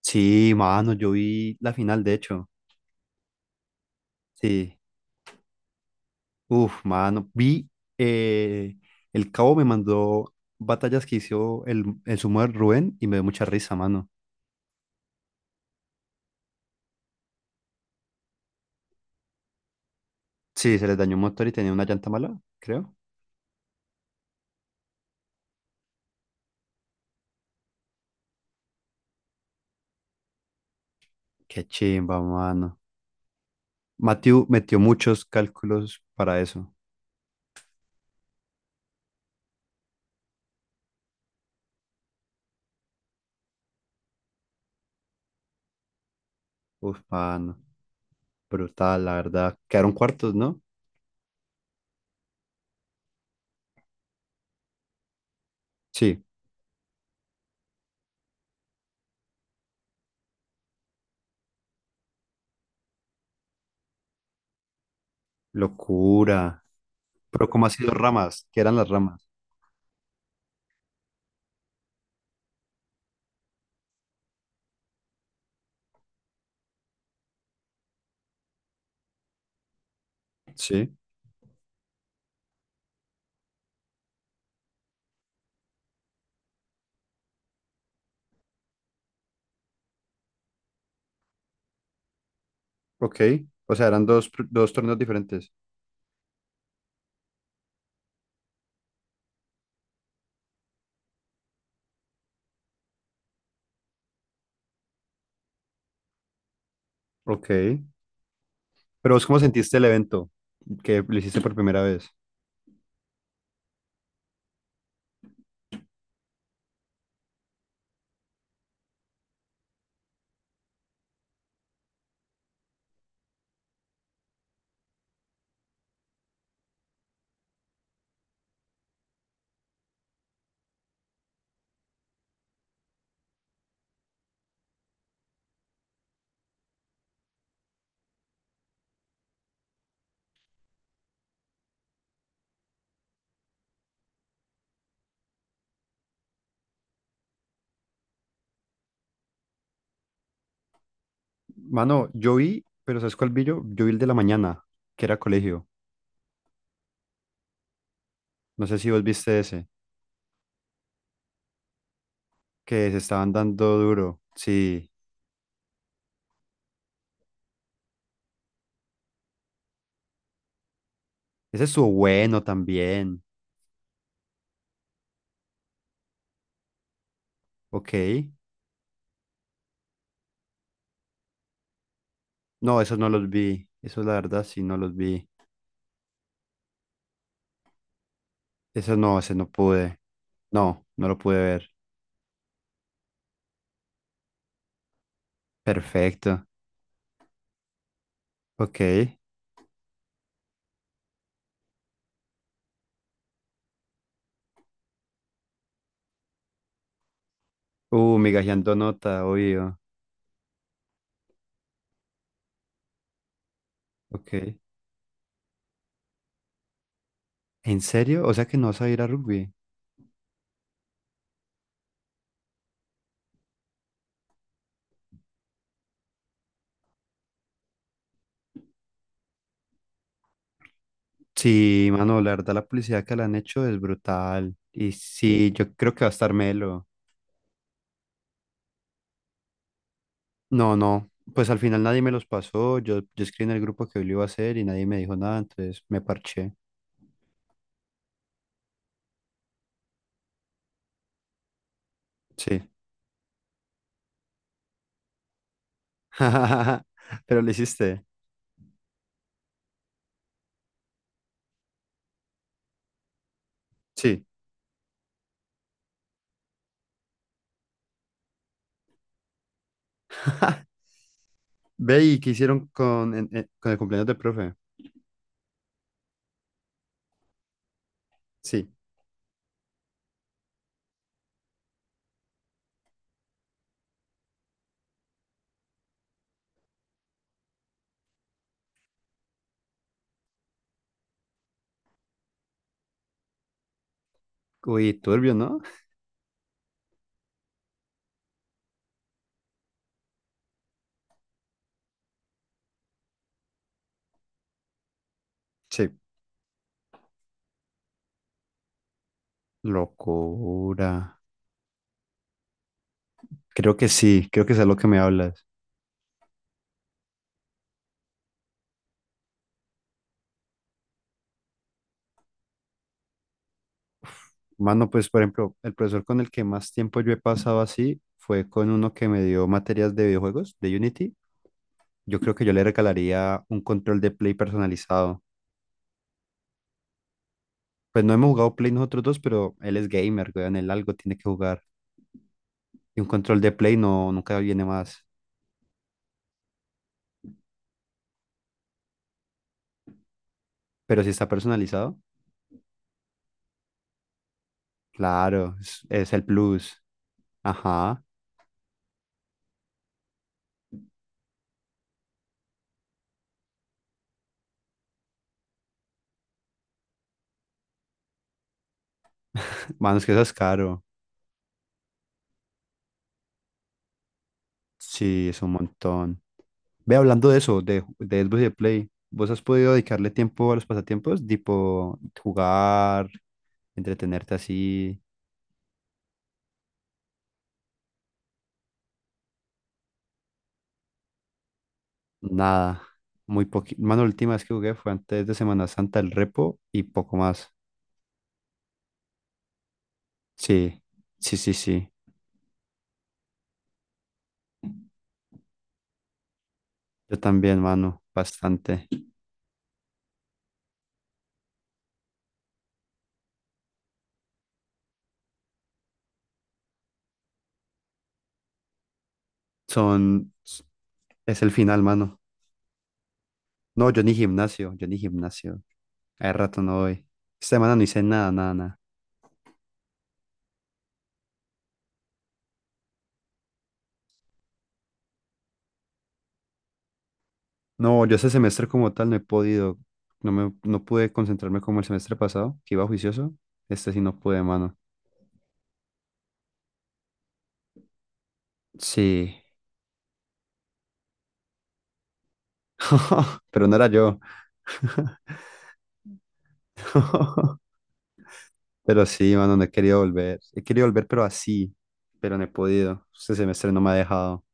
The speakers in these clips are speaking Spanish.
Sí, mano, yo vi la final, de hecho. Sí. Uf, mano. Vi, eh, el Cabo me mandó batallas que hizo el sumo de Rubén y me dio mucha risa, mano. Sí, se les dañó un motor y tenía una llanta mala, creo. Qué chimba, mano. Matthew metió muchos cálculos para eso. Uf, mano. Brutal, la verdad. Quedaron cuartos, ¿no? Sí. Locura. Pero ¿cómo ha sido ramas? ¿Qué eran las ramas? Sí. Ok. O sea, eran dos torneos diferentes. Ok. Pero vos, ¿cómo sentiste el evento que lo hiciste por primera vez? Mano, yo vi, pero ¿sabes cuál vi yo? Yo vi el de la mañana, que era colegio. No sé si vos viste ese, que se estaban dando duro. Sí, ese estuvo bueno también. Ok. No, esos no los vi. Eso la verdad, sí, no los vi. Eso no, ese no pude. No, no lo pude ver. Perfecto. Ok. Migajeando nota, obvio. Ok. ¿En serio? O sea que no vas a ir a rugby. Sí, mano, la verdad la publicidad que le han hecho es brutal. Y sí, yo creo que va a estar melo. No, no, pues al final nadie me los pasó. Yo escribí en el grupo que hoy lo iba a hacer y nadie me dijo nada, entonces me parché. Sí. Pero lo hiciste. Sí. Ve y qué hicieron con, con el cumpleaños del profe. Sí. Uy, turbio, ¿no? Sí. Locura. Creo que sí, creo que es a lo que me hablas. Mano, pues por ejemplo, el profesor con el que más tiempo yo he pasado así fue con uno que me dio materias de videojuegos, de Unity. Yo creo que yo le regalaría un control de Play personalizado. Pues no hemos jugado Play nosotros dos, pero él es gamer, weón, él algo tiene que jugar. Y un control de Play no, nunca viene más. Pero si está personalizado, claro, es el plus. Ajá. Mano, es que eso es caro. Sí, es un montón. Ve hablando de eso, de Xbox y de Play, ¿vos has podido dedicarle tiempo a los pasatiempos? Tipo jugar, entretenerte así, nada, muy poquito. Mano, la última vez que jugué fue antes de Semana Santa, el repo y poco más. Sí, sí, sí, sí. Yo también, mano, bastante. Son, es el final, mano. No, yo ni gimnasio, yo ni gimnasio. Hace rato no voy. Esta semana no hice nada, nada, nada. No, yo este semestre como tal no he podido, no pude concentrarme como el semestre pasado, que iba juicioso. Este sí no pude, mano. Sí, pero no era yo. Pero sí, mano, no he querido volver. He querido volver, pero así, pero no he podido. Este semestre no me ha dejado.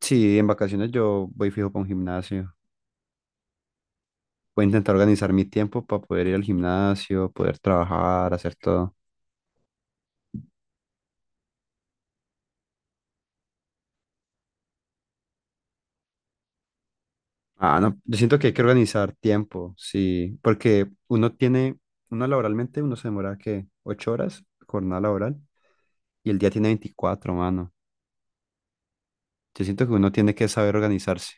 Sí, en vacaciones yo voy fijo para un gimnasio. Voy a intentar organizar mi tiempo para poder ir al gimnasio, poder trabajar, hacer todo. Ah, no, yo siento que hay que organizar tiempo, sí, porque uno laboralmente, uno se demora, ¿qué? Ocho horas, jornada laboral, y el día tiene 24 mano. Yo siento que uno tiene que saber organizarse.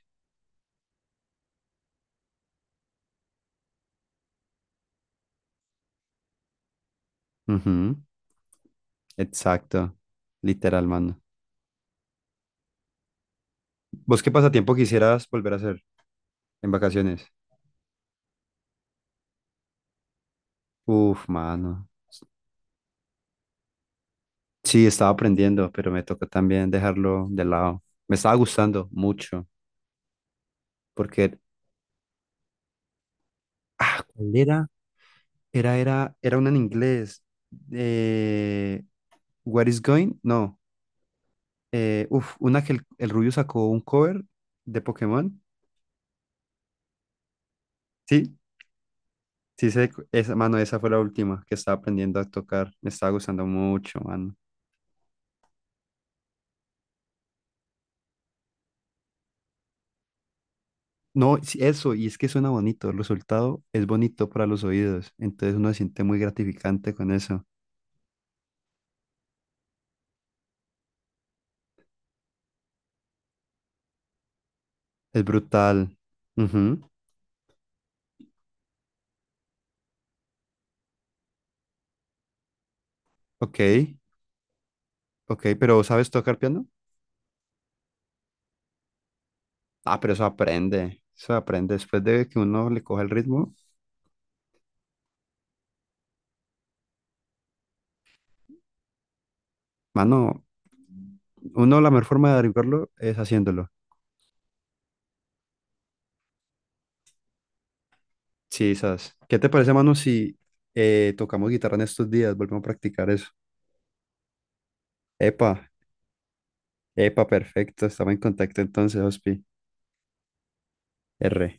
Ujú, Exacto, literal, mano. ¿Vos qué pasatiempo quisieras volver a hacer en vacaciones? Uf, mano. Sí, estaba aprendiendo, pero me tocó también dejarlo de lado. Me estaba gustando mucho, porque, ah, ¿cuál era? Era una en inglés. Eh, What is going? No. Uf, una que el Rubio sacó un cover de Pokémon. Sí, sí, sé, cu- esa, mano, esa fue la última que estaba aprendiendo a tocar. Me estaba gustando mucho, mano. No, sí, eso, y es que suena bonito. El resultado es bonito para los oídos. Entonces uno se siente muy gratificante con eso. Es brutal. Ujú. Ok, ok, pero ¿sabes tocar piano? Ah, pero eso aprende. Eso aprende. Después de que uno le coja el ritmo. Mano, uno, la mejor forma de averiguarlo es haciéndolo. Sí, ¿sabes? ¿Qué te parece, mano, si tocamos guitarra en estos días? Volvemos a practicar eso. Epa, epa, perfecto. Estamos en contacto entonces, Hospi. R.